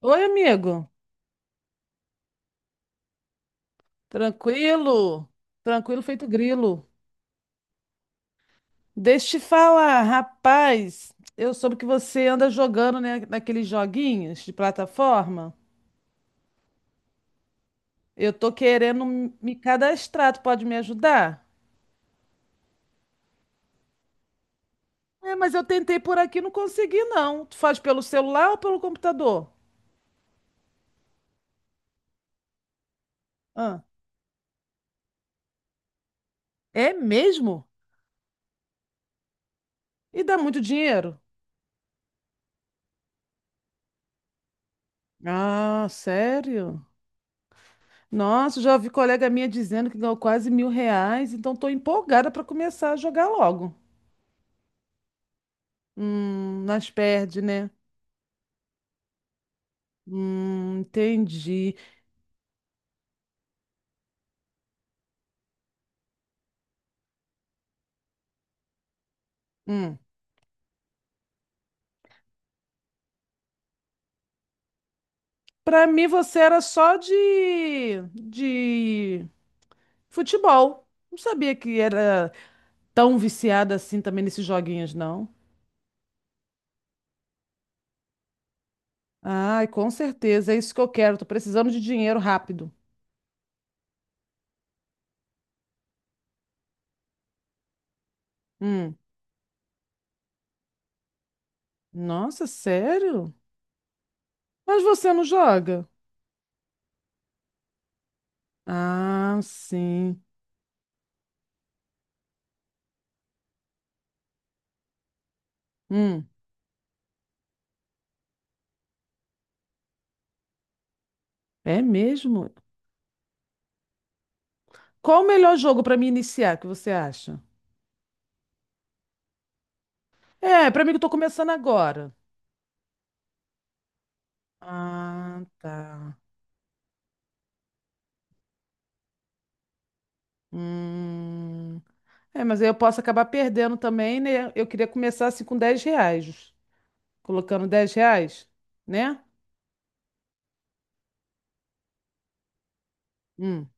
Oi, amigo. Tranquilo? Tranquilo feito grilo. Deixa eu te falar, rapaz. Eu soube que você anda jogando, né, naqueles joguinhos de plataforma. Eu tô querendo me cadastrar. Tu pode me ajudar? É, mas eu tentei por aqui, e não consegui, não. Tu faz pelo celular ou pelo computador? Ah, é mesmo? E dá muito dinheiro? Ah, sério? Nossa, já ouvi colega minha dizendo que ganhou quase R$ 1.000, então tô empolgada para começar a jogar logo. Nós perde, né? Entendi. Hum. Para mim você era só de futebol. Não sabia que era tão viciada assim também nesses joguinhos, não. Ai, com certeza, é isso que eu quero. Tô precisando de dinheiro rápido. Hum. Nossa, sério? Mas você não joga? Ah, sim. Hum. É mesmo? Qual o melhor jogo para me iniciar, que você acha? É, para mim que eu tô começando agora. Ah, tá. Hum. É, mas aí eu posso acabar perdendo também, né? Eu queria começar assim com R$ 10. Colocando R$ 10, né? Hum.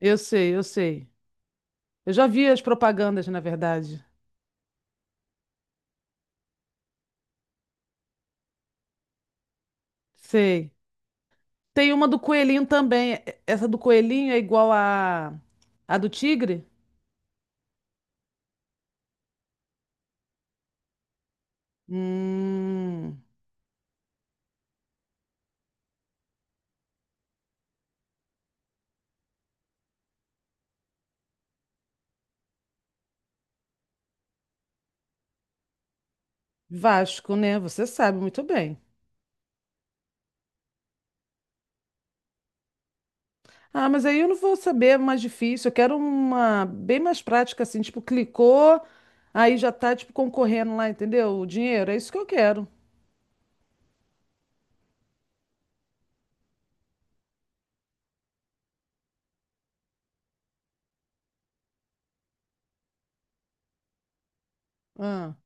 Eu sei, eu sei. Eu já vi as propagandas, na verdade. Sei. Tem uma do coelhinho também. Essa do coelhinho é igual a do tigre? Hum. Vasco, né? Você sabe muito bem. Ah, mas aí eu não vou saber é mais difícil. Eu quero uma bem mais prática, assim, tipo, clicou, aí já tá, tipo, concorrendo lá, entendeu? O dinheiro, é isso que eu quero. Ah.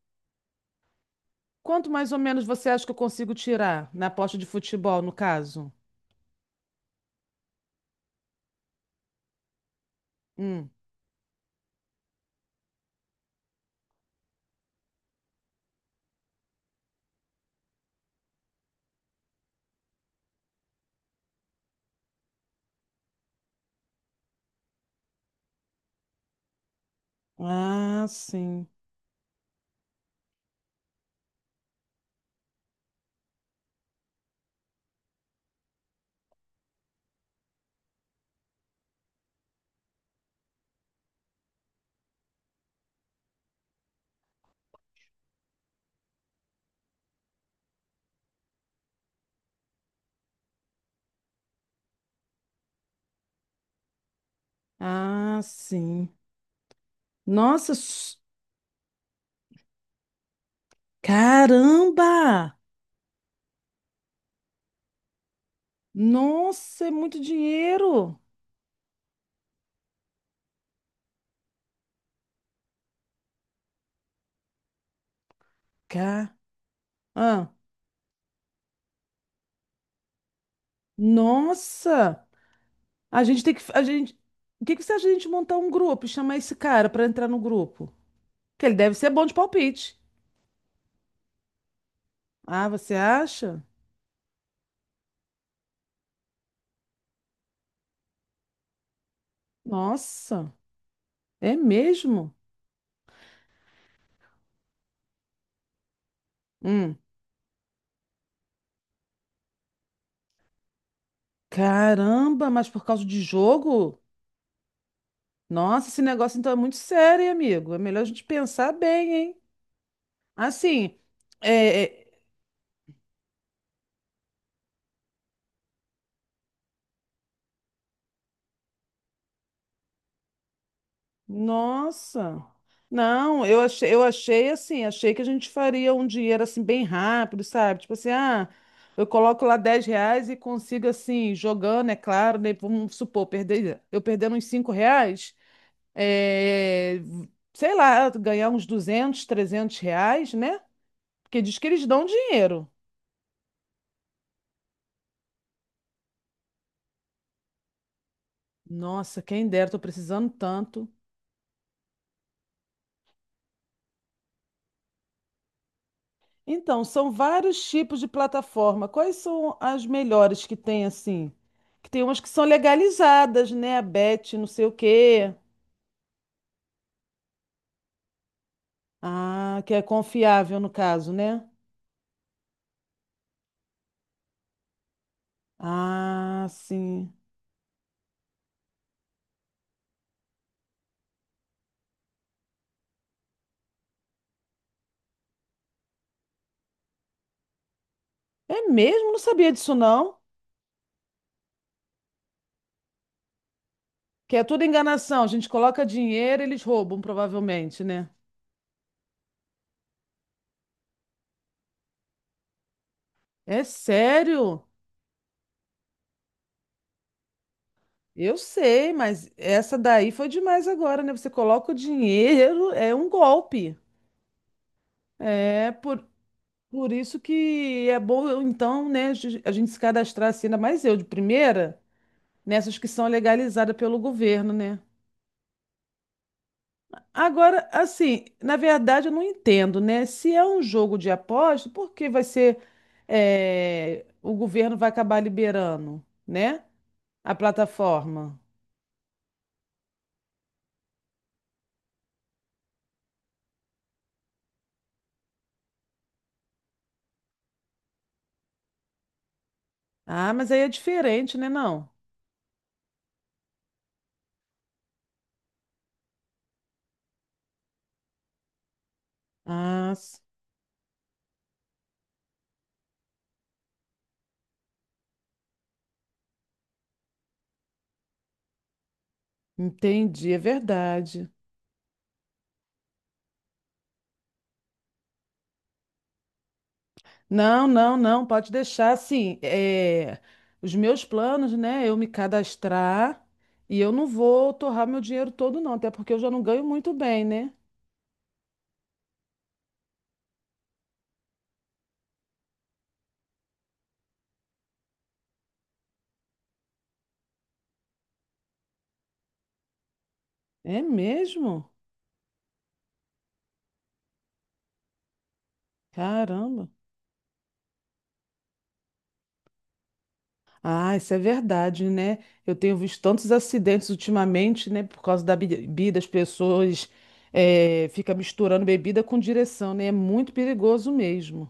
Quanto mais ou menos você acha que eu consigo tirar na aposta de futebol, no caso? Hum. Ah, sim. Ah, sim. Nossa, caramba! Nossa, é muito dinheiro. Ca... Ah. Nossa! A gente tem que. O que que você acha de a gente montar um grupo e chamar esse cara para entrar no grupo? Que ele deve ser bom de palpite. Ah, você acha? Nossa, é mesmo? Hum. Caramba, mas por causa de jogo? Nossa, esse negócio então é muito sério, hein, amigo. É melhor a gente pensar bem, hein? Assim, é, é, Nossa. Não, eu achei assim, achei que a gente faria um dinheiro assim bem rápido, sabe? Tipo assim, ah, eu coloco lá R$ 10 e consigo assim, jogando, é claro, né? Vamos supor, perder, eu perdendo uns R$ 5, é, sei lá, ganhar uns 200, R$ 300, né? Porque diz que eles dão dinheiro. Nossa, quem dera, tô precisando tanto. Então, são vários tipos de plataforma. Quais são as melhores que tem assim? Que tem umas que são legalizadas, né? A Bet, não sei o quê. Ah, que é confiável no caso, né? Ah, sim. É mesmo? Não sabia disso não. Que é tudo enganação. A gente coloca dinheiro, eles roubam, provavelmente, né? É sério? Eu sei, mas essa daí foi demais agora, né? Você coloca o dinheiro, é um golpe. É, por, Por isso que é bom, então, né, a gente se cadastrar assim, ainda mais eu de primeira, nessas que são legalizadas pelo governo, né? Agora, assim, na verdade eu não entendo, né? Se é um jogo de aposta, por que vai ser, o governo vai acabar liberando, né? A plataforma. Ah, mas aí é diferente, né? Não. Ah, entendi, é verdade. Não, não, não, pode deixar assim. É, os meus planos, né? Eu me cadastrar e eu não vou torrar meu dinheiro todo, não, até porque eu já não ganho muito bem, né? É mesmo? Caramba. Ah, isso é verdade, né? Eu tenho visto tantos acidentes ultimamente, né? Por causa da bebida, as pessoas ficam misturando bebida com direção, né? É muito perigoso mesmo.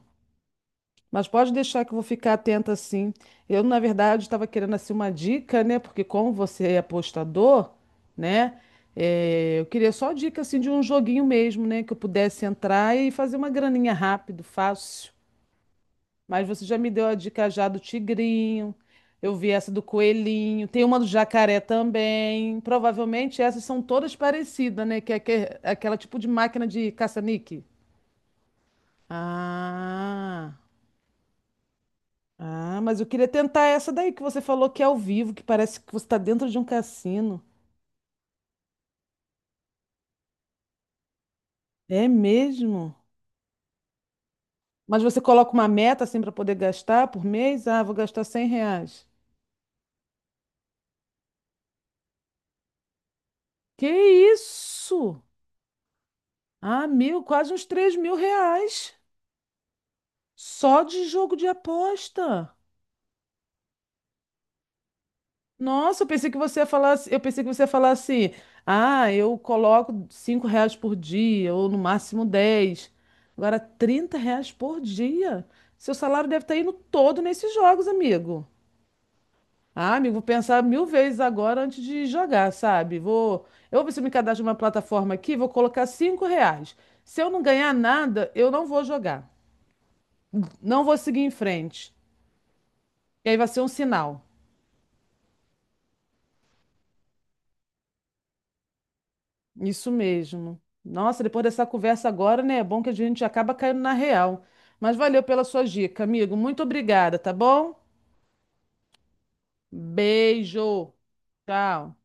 Mas pode deixar que eu vou ficar atenta sim. Eu, na verdade, estava querendo assim uma dica, né? Porque como você é apostador, né? Eu queria só dica assim de um joguinho mesmo, né? Que eu pudesse entrar e fazer uma graninha rápido, fácil. Mas você já me deu a dica já do tigrinho. Eu vi essa do coelhinho. Tem uma do jacaré também. Provavelmente essas são todas parecidas, né? Que é aquela tipo de máquina de caça-níquel. Ah. Ah, mas eu queria tentar essa daí que você falou que é ao vivo, que parece que você está dentro de um cassino. É mesmo? Mas você coloca uma meta assim para poder gastar por mês? Ah, vou gastar R$ 100. Que isso? Ah, mil, quase uns R$ 3.000 só de jogo de aposta. Nossa, eu pensei que você ia falar assim, ah, eu coloco R$ 5 por dia, ou no máximo 10. Agora, R$ 30 por dia. Seu salário deve estar indo todo nesses jogos, amigo. Ah, amigo, vou pensar mil vezes agora antes de jogar, sabe? Eu vou ver se eu me cadastro numa plataforma aqui, vou colocar R$ 5. Se eu não ganhar nada, eu não vou jogar. Não vou seguir em frente. E aí vai ser um sinal. Isso mesmo. Nossa, depois dessa conversa agora, né? É bom que a gente acaba caindo na real. Mas valeu pela sua dica, amigo. Muito obrigada, tá bom? Beijo. Tchau.